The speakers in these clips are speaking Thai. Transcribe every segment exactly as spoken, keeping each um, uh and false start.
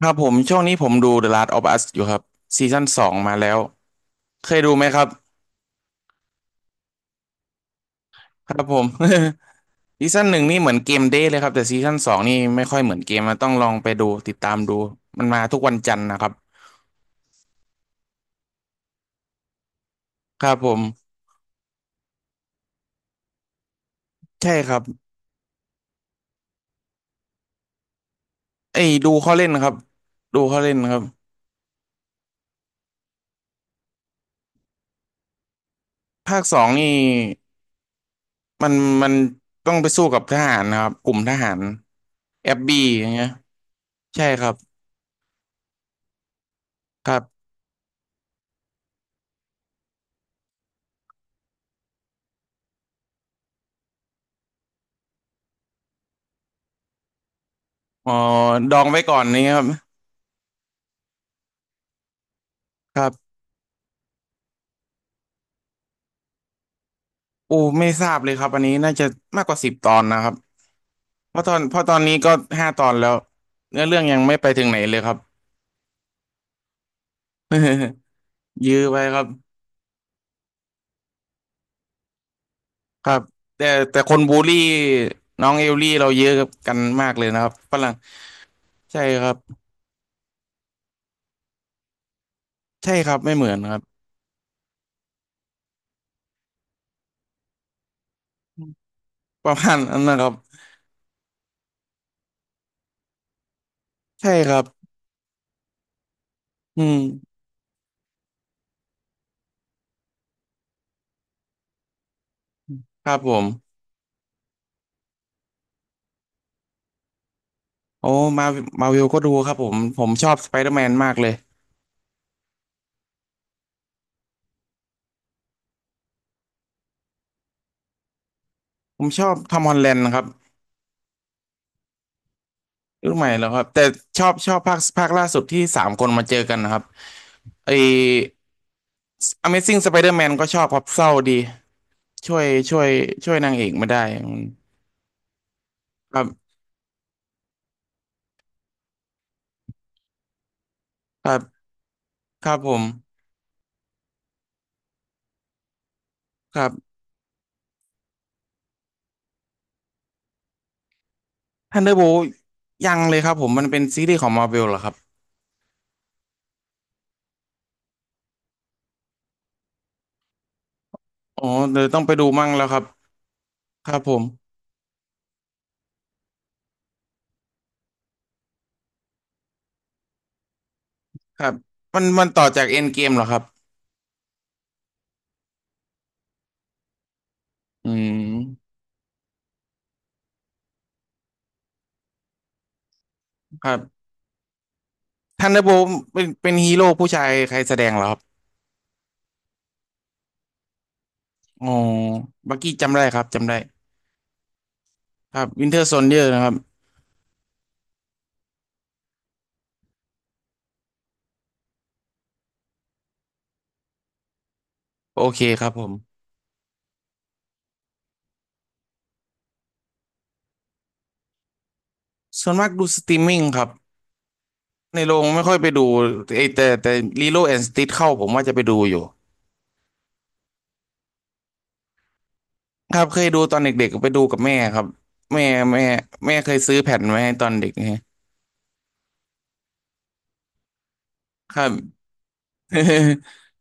ครับผมช่วงนี้ผมดู เดอะลาสต์ออฟอัส อยู่ครับซีซั่นสองมาแล้วเคยดูไหมครับครับผม ซีซั่นหนึ่งนี่เหมือนเกมเดย์เลยครับแต่ซีซั่นสองนี่ไม่ค่อยเหมือนเกมมาต้องลองไปดูติดตามดูมันมาทุกวันจันทร์นะครับครับผมใช่ครับไอ้ยดูเขาเล่นครับดูเขาเล่นครับภาคสองนี่มันมันต้องไปสู้กับทหารนะครับกลุ่มทหารแอบบี้อย่างเงี้ยใช่ครับครับอ๋อดองไว้ก่อนนี้ครับ โอ้ไม่ทราบเลยครับอันนี้น่าจะมากกว่าสิบตอนนะครับเพราะตอนเพราะตอนนี้ก็ห้าตอนแล้วเนื้อเรื่องยังไม่ไปถึงไหนเลยครับ ยื้อไว้ครับครับแต่แต่คนบูลลี่น้องเอลลี่เราเยอะกันมากเลยนะครับฝรั่งใช่ครับใช่ครับไม่เหมือนครับประมาณนั้นนะครับใช่ครับอืมครับผมโอ้มามาวิลก็ดูครับผมผมชอบสไปเดอร์แมนมากเลยผมชอบทอมฮอลแลนด์ครับ ยุคใหม่แล้วครับแต่ชอบชอบภาคภาคล่าสุดที่สามคนมาเจอกันนะครับไอ อะเมซิ่งสไปเดอร์แมน ก็ชอบครับเศร้าดีช่วยช่วยช่วยนางเอกไม่ได้มันครับครับครับผมครับ ธันเดอร์โบลต์ ยังเลยครับผมมันเป็นซีรีส์ของ มาร์เวล เหรอครับอ๋อเดี๋ยวต้องไปดูมั่งแล้วครับครับผมครับมันมันต่อจาก เอนด์เกม เกมเหรอครับอืมครับที เอช ยู เอ็น ดี อี อาร์ บี โอ บอ ที เป็นเป็นฮีโร่ผู้ชายใครแสดงเหรอครับอ๋อบักกี้จำได้ครับจำได้ ครับวินเทอร์โซนเยอร์นะครับโอเคครับผมส่วนมากดูสตรีมมิ่งครับในโรงไม่ค่อยไปดูไอแต่แต่ลีโลแอนด์สติทเข้าผมว่าจะไปดูอยู่ครับเคยดูตอนเด็กๆไปดูกับแม่ครับแม่แม่แม่เคยซื้อแผ่นไว้ให้ตอนเด็กนะครับ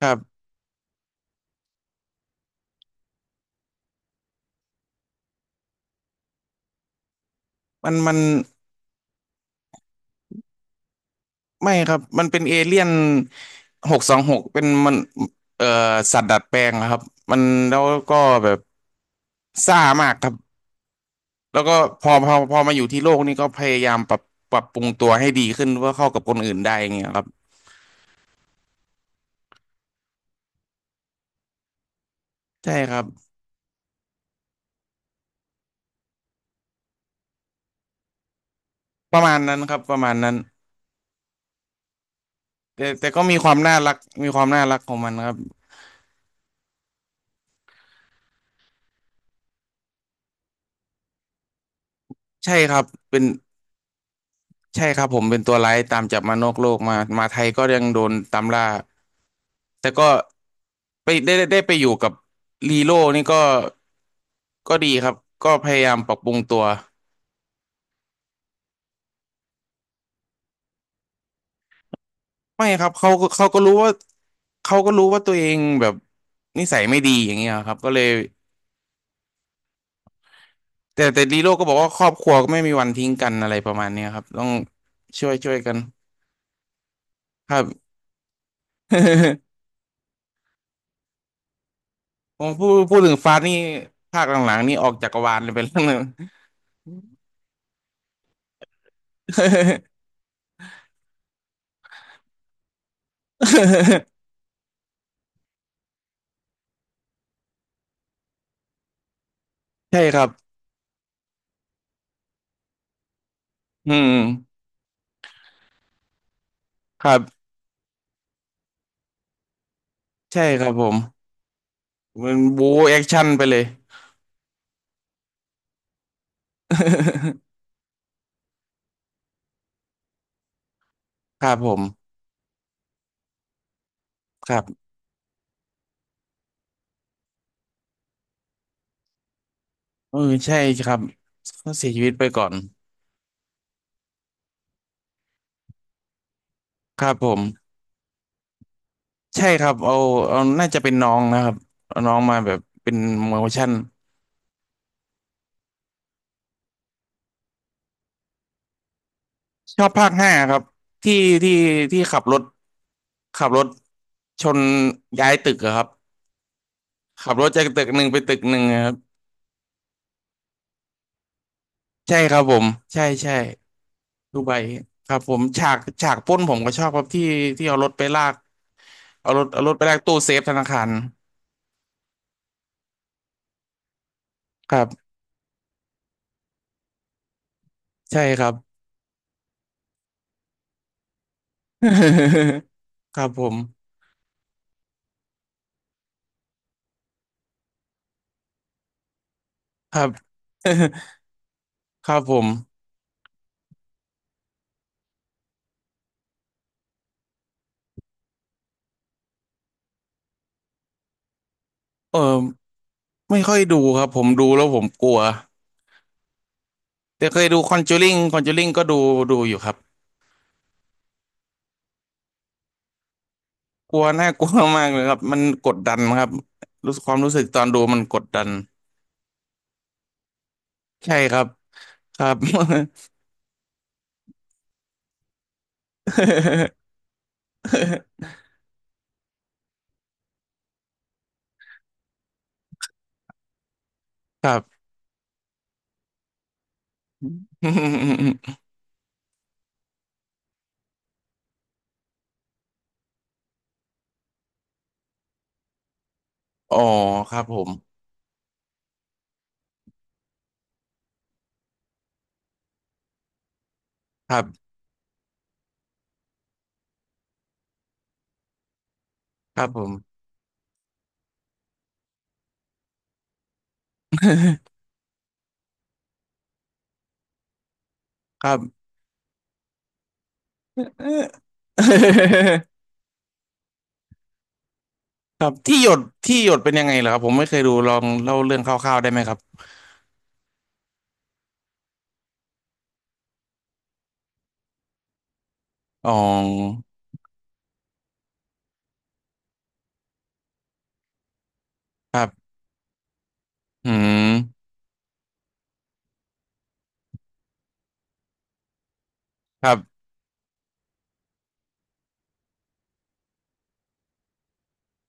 ครับมันมันไม่ครับมันเป็นเอเลี่ยนหกสองหกเป็นมันเอ่อสัตว์ดัดแปลงอะครับมันแล้วก็แบบซ่ามากครับ แล้วก็พอพอพอมาอยู่ที่โลกนี่ก็พยายามปรับปรับปรุงตัวให้ดีขึ้นเพื่อเข้ากับคนอื่นได้อย่างเงี้ยครับใช่ครับประมาณนั้นครับประมาณนั้นแต่แต่ก็มีความน่ารักมีความน่ารักของมันครับใช่ครับเป็นใช่ครับผมเป็นตัวร้ายตามจับมานอกโลกมามาไทยก็ยังโดนตามล่าแต่ก็ไปได้ได้ได้ไปอยู่กับลีโร่นี่ก็ก็ดีครับก็พยายามปรับปรุงตัว ไม่ครับเขาก็เขาก็รู้ว่าเขาก็รู้ว่าตัวเองแบบนิสัยไม่ดีอย่างเงี้ยครับก็เลยแต่แต่ลีโร่ก็บอกว่าครอบครัวก็ไม่มีวันทิ้งกันอะไรประมาณเนี้ยครับต้องช่วยช่วยกันครับ ผมพูดพูดถึงฟาสนี่ภาคหลังๆนี่ออกจักรวาลเลยไปแล้ร่งนึ่ง ใช่ครับอืมครับใช่ครับผมมันบู๊แอคชั่นไปเลย ครับผมครับเออใช่ครับเขาเสียชีวิตไปก่อนครับผม ใช่ครับเอาเอาน่าจะเป็นน้องนะครับเอาน้องมาแบบเป็นโมชั่นชอบภาคห้าครับที่ที่ที่ขับรถขับรถชนย้ายตึกอะครับขับรถจากตึกหนึ่งไปตึกหนึ่งอะครับใช่ครับผมใช่ใช่ดูไบครับผมฉากฉากปล้นผมก็ชอบครับที่ที่เอารถไปลากเอารถเอารถไปลากตู้เซฟธนาคารครับใช่ครับ ครับผมครับ ครับผมเออ ไม่ค่อยดูครับผมดูแล้วผมกลัวแต่เคยดูคอนจูริงคอนจูริงก็ดูดูอยู่ครับกลัวน่ากลัวมากเลยครับมันกดดันครับรู้สึกความรู้สึกตอนดูมันกดดันใช่ครับครับ ครับ อ๋อครับผมครับครับผม ครับ ครับที่หยดที่หยดเป็นยังไงเหรอครับผมไม่เคยดูลองเล่าเรื่องคร่าวๆได้ไหมครับอ๋อครับอืมครับ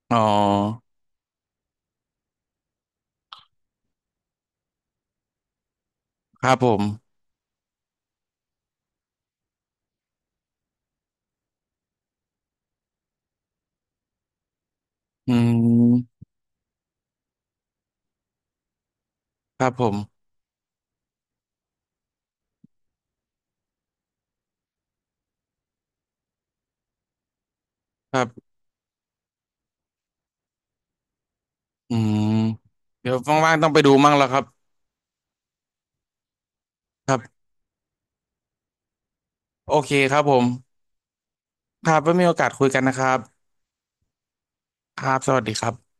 อ๋อครับผม อืมครับผมครับอืมเดี๋ยวว่างๆต้องไปดูมั่งแล้วครับครับโอเคครับผมครับไว้มีโอกาสคุยกันนะครับครับสวัสดีครับ